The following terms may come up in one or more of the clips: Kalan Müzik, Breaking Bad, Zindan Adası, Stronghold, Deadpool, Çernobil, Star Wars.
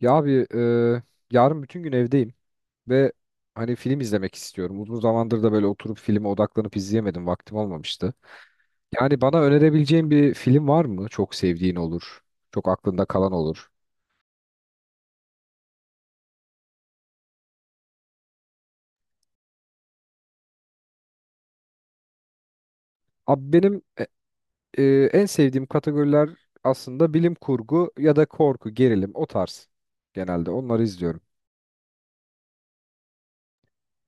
Ya abi yarın bütün gün evdeyim ve hani film izlemek istiyorum. Uzun zamandır da böyle oturup filme odaklanıp izleyemedim. Vaktim olmamıştı. Yani bana önerebileceğin bir film var mı? Çok sevdiğin olur. Çok aklında kalan olur. Abi benim en sevdiğim kategoriler aslında bilim kurgu ya da korku, gerilim o tarz. Genelde onları izliyorum.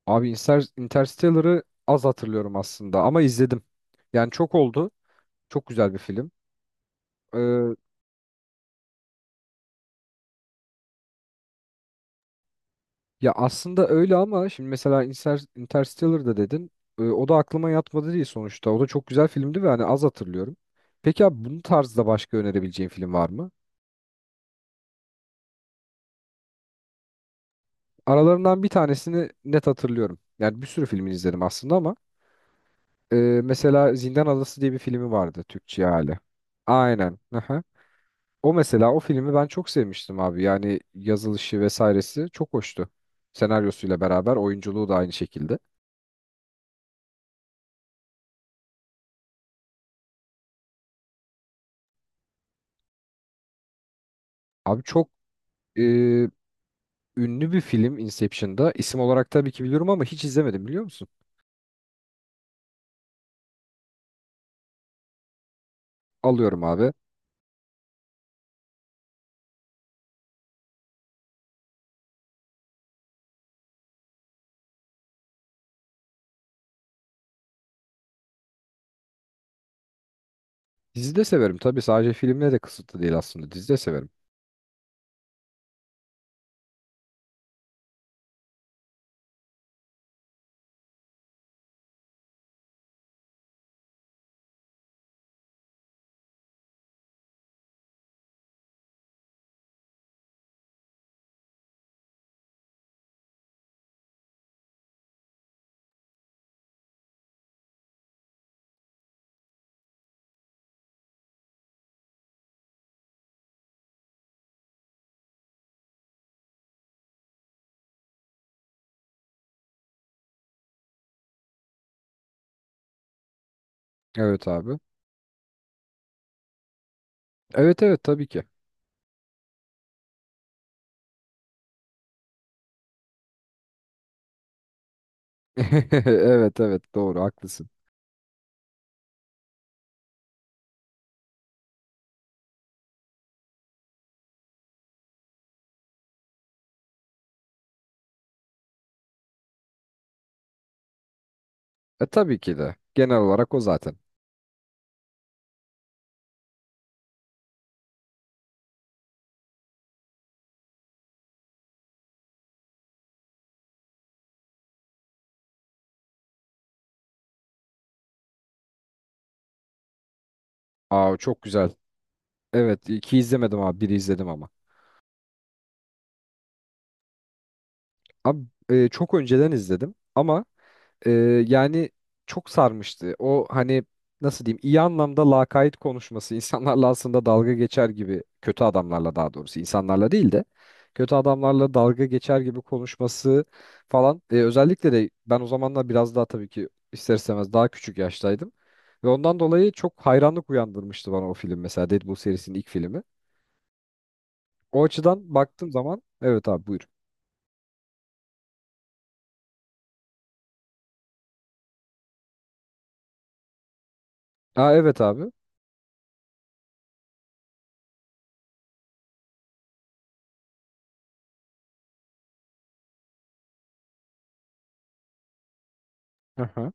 Abi Interstellar'ı az hatırlıyorum aslında ama izledim. Yani çok oldu. Çok güzel bir film. Ya aslında öyle ama şimdi mesela Interstellar'da dedin. O da aklıma yatmadı değil sonuçta. O da çok güzel filmdi ve hani az hatırlıyorum. Peki abi bunun tarzda başka önerebileceğin film var mı? Aralarından bir tanesini net hatırlıyorum. Yani bir sürü filmini izledim aslında ama mesela Zindan Adası diye bir filmi vardı Türkçe hali. Aynen. Aha. O mesela o filmi ben çok sevmiştim abi. Yani yazılışı vesairesi çok hoştu. Senaryosuyla beraber oyunculuğu da aynı şekilde. Abi çok ünlü bir film Inception'da. İsim olarak tabii ki biliyorum ama hiç izlemedim biliyor musun? Alıyorum abi. Dizi de severim tabii, sadece filmle de kısıtlı değil aslında. Dizi de severim. Evet abi. Evet, evet, tabii ki. Evet, evet, doğru, haklısın. E tabii ki de. Genel olarak o zaten. Aa çok güzel. Evet, iki izlemedim abi, biri izledim ama. Abi çok önceden izledim ama Ee, yani çok sarmıştı. O hani nasıl diyeyim iyi anlamda lakayt konuşması insanlarla, aslında dalga geçer gibi kötü adamlarla, daha doğrusu insanlarla değil de kötü adamlarla dalga geçer gibi konuşması falan. Özellikle de ben o zamanlar biraz daha tabii ki ister istemez daha küçük yaştaydım. Ve ondan dolayı çok hayranlık uyandırmıştı bana o film mesela, Deadpool serisinin ilk filmi. O açıdan baktığım zaman evet abi, buyur. Aa evet abi. Aha.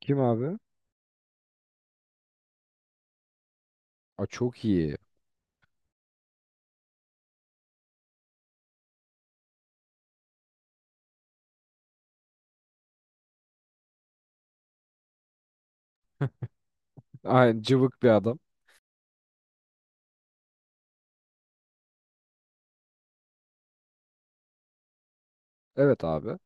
Kim abi? Aa, çok iyi. Aynen, cıvık bir adam. Evet abi.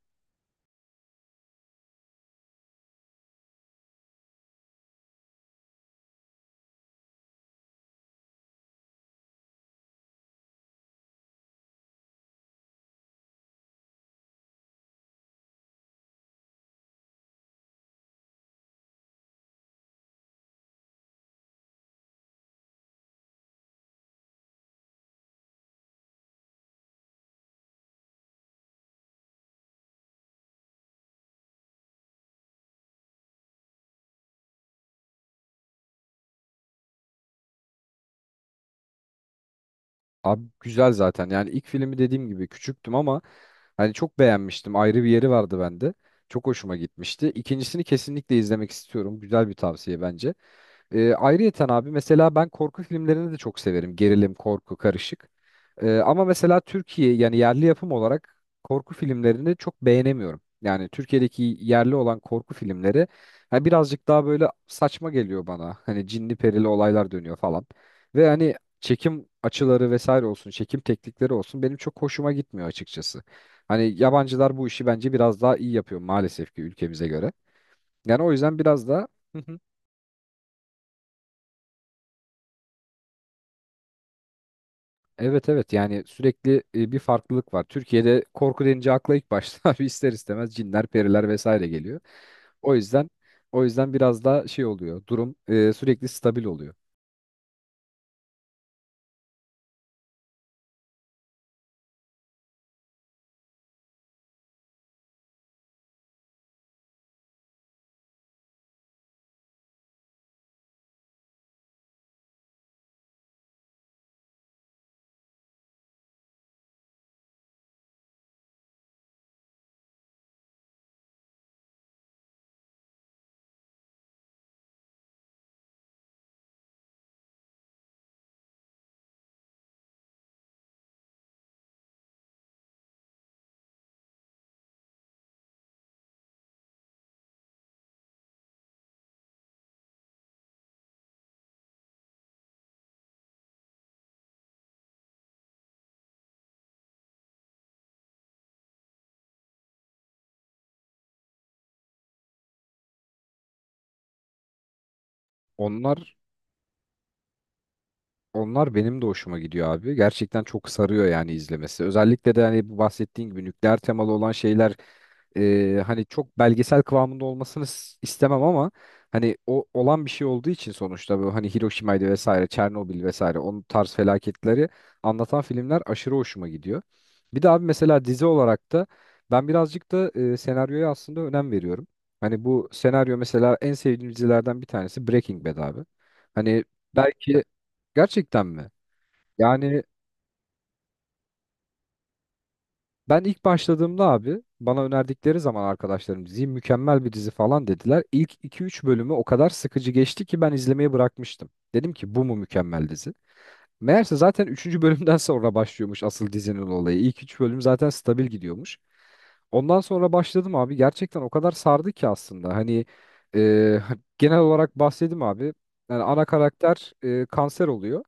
Abi güzel zaten. Yani ilk filmi dediğim gibi küçüktüm ama hani çok beğenmiştim. Ayrı bir yeri vardı bende. Çok hoşuma gitmişti. İkincisini kesinlikle izlemek istiyorum. Güzel bir tavsiye bence. Ayrıyeten abi mesela ben korku filmlerini de çok severim. Gerilim, korku, karışık. Ama mesela Türkiye yani yerli yapım olarak korku filmlerini çok beğenemiyorum. Yani Türkiye'deki yerli olan korku filmleri ha, birazcık daha böyle saçma geliyor bana. Hani cinli perili olaylar dönüyor falan. Ve hani çekim açıları vesaire olsun, çekim teknikleri olsun benim çok hoşuma gitmiyor açıkçası. Hani yabancılar bu işi bence biraz daha iyi yapıyor maalesef ki ülkemize göre. Yani o yüzden biraz da evet, evet, yani sürekli bir farklılık var. Türkiye'de korku denince akla ilk başta bir ister istemez cinler, periler vesaire geliyor. O yüzden o yüzden biraz daha şey oluyor. Durum sürekli stabil oluyor. Onlar Onlar benim de hoşuma gidiyor abi. Gerçekten çok sarıyor yani izlemesi. Özellikle de hani bu bahsettiğin gibi nükleer temalı olan şeyler, hani çok belgesel kıvamında olmasını istemem ama hani o olan bir şey olduğu için sonuçta, bu hani Hiroşima'ydı vesaire, Çernobil vesaire, onun tarz felaketleri anlatan filmler aşırı hoşuma gidiyor. Bir de abi mesela dizi olarak da ben birazcık da senaryoya aslında önem veriyorum. Hani bu senaryo mesela, en sevdiğim dizilerden bir tanesi Breaking Bad abi. Hani belki, gerçekten mi? Yani ben ilk başladığımda abi, bana önerdikleri zaman arkadaşlarım, diziyi mükemmel bir dizi falan dediler. İlk iki üç bölümü o kadar sıkıcı geçti ki ben izlemeyi bırakmıştım. Dedim ki bu mu mükemmel dizi? Meğerse zaten üçüncü bölümden sonra başlıyormuş asıl dizinin olayı. İlk 3 bölüm zaten stabil gidiyormuş. Ondan sonra başladım abi. Gerçekten o kadar sardı ki aslında. Hani e, genel olarak bahsedeyim abi. Yani ana karakter kanser oluyor.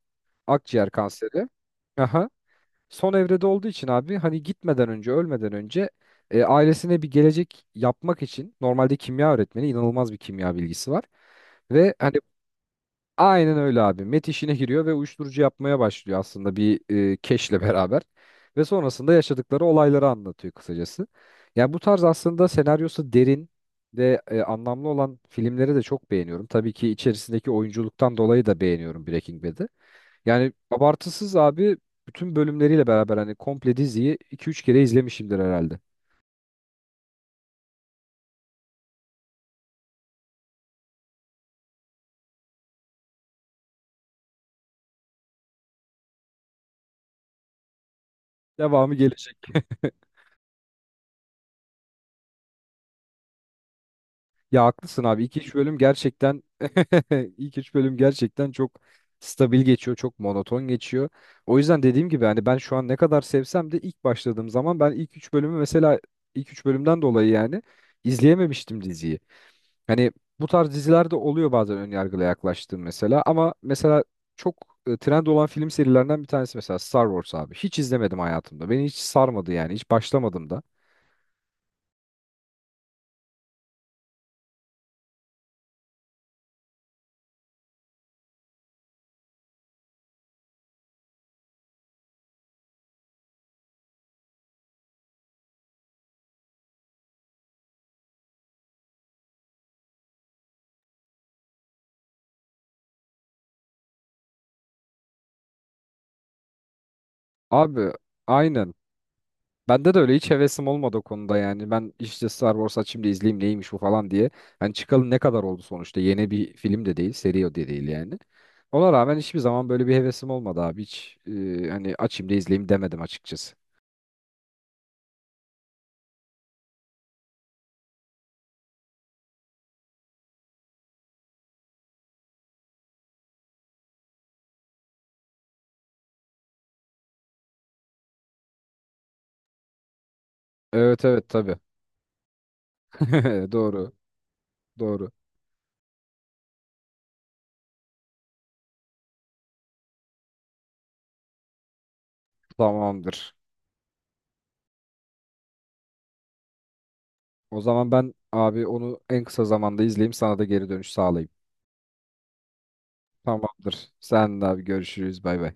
Akciğer kanseri. Aha. Son evrede olduğu için abi hani gitmeden önce, ölmeden önce ailesine bir gelecek yapmak için, normalde kimya öğretmeni, inanılmaz bir kimya bilgisi var. Ve hani aynen öyle abi. Met işine giriyor ve uyuşturucu yapmaya başlıyor aslında bir keşle beraber. Ve sonrasında yaşadıkları olayları anlatıyor kısacası. Yani bu tarz aslında senaryosu derin ve anlamlı olan filmleri de çok beğeniyorum. Tabii ki içerisindeki oyunculuktan dolayı da beğeniyorum Breaking Bad'i. Yani abartısız abi, bütün bölümleriyle beraber hani komple diziyi iki üç kere izlemişimdir herhalde. Devamı gelecek. Ya haklısın abi, iki üç bölüm gerçekten ilk üç bölüm gerçekten çok stabil geçiyor, çok monoton geçiyor. O yüzden dediğim gibi hani ben şu an ne kadar sevsem de, ilk başladığım zaman ben ilk 3 bölümden dolayı yani izleyememiştim diziyi. Hani bu tarz dizilerde oluyor bazen ön yargıyla yaklaştığım, mesela ama mesela çok trend olan film serilerinden bir tanesi mesela Star Wars abi. Hiç izlemedim hayatımda. Beni hiç sarmadı yani. Hiç başlamadım da. Abi aynen. Bende de öyle, hiç hevesim olmadı o konuda yani. Ben işte Star Wars açayım da izleyeyim neymiş bu falan diye. Hani çıkalı ne kadar oldu sonuçta. Yeni bir film de değil, seri o de değil yani. Ona rağmen hiçbir zaman böyle bir hevesim olmadı abi. Hiç hani açayım da izleyeyim demedim açıkçası. Evet, evet, tabii. Doğru, doğru. Tamamdır. O zaman ben abi onu en kısa zamanda izleyeyim, sana da geri dönüş sağlayayım. Tamamdır. Sen de abi, görüşürüz. Bay bay.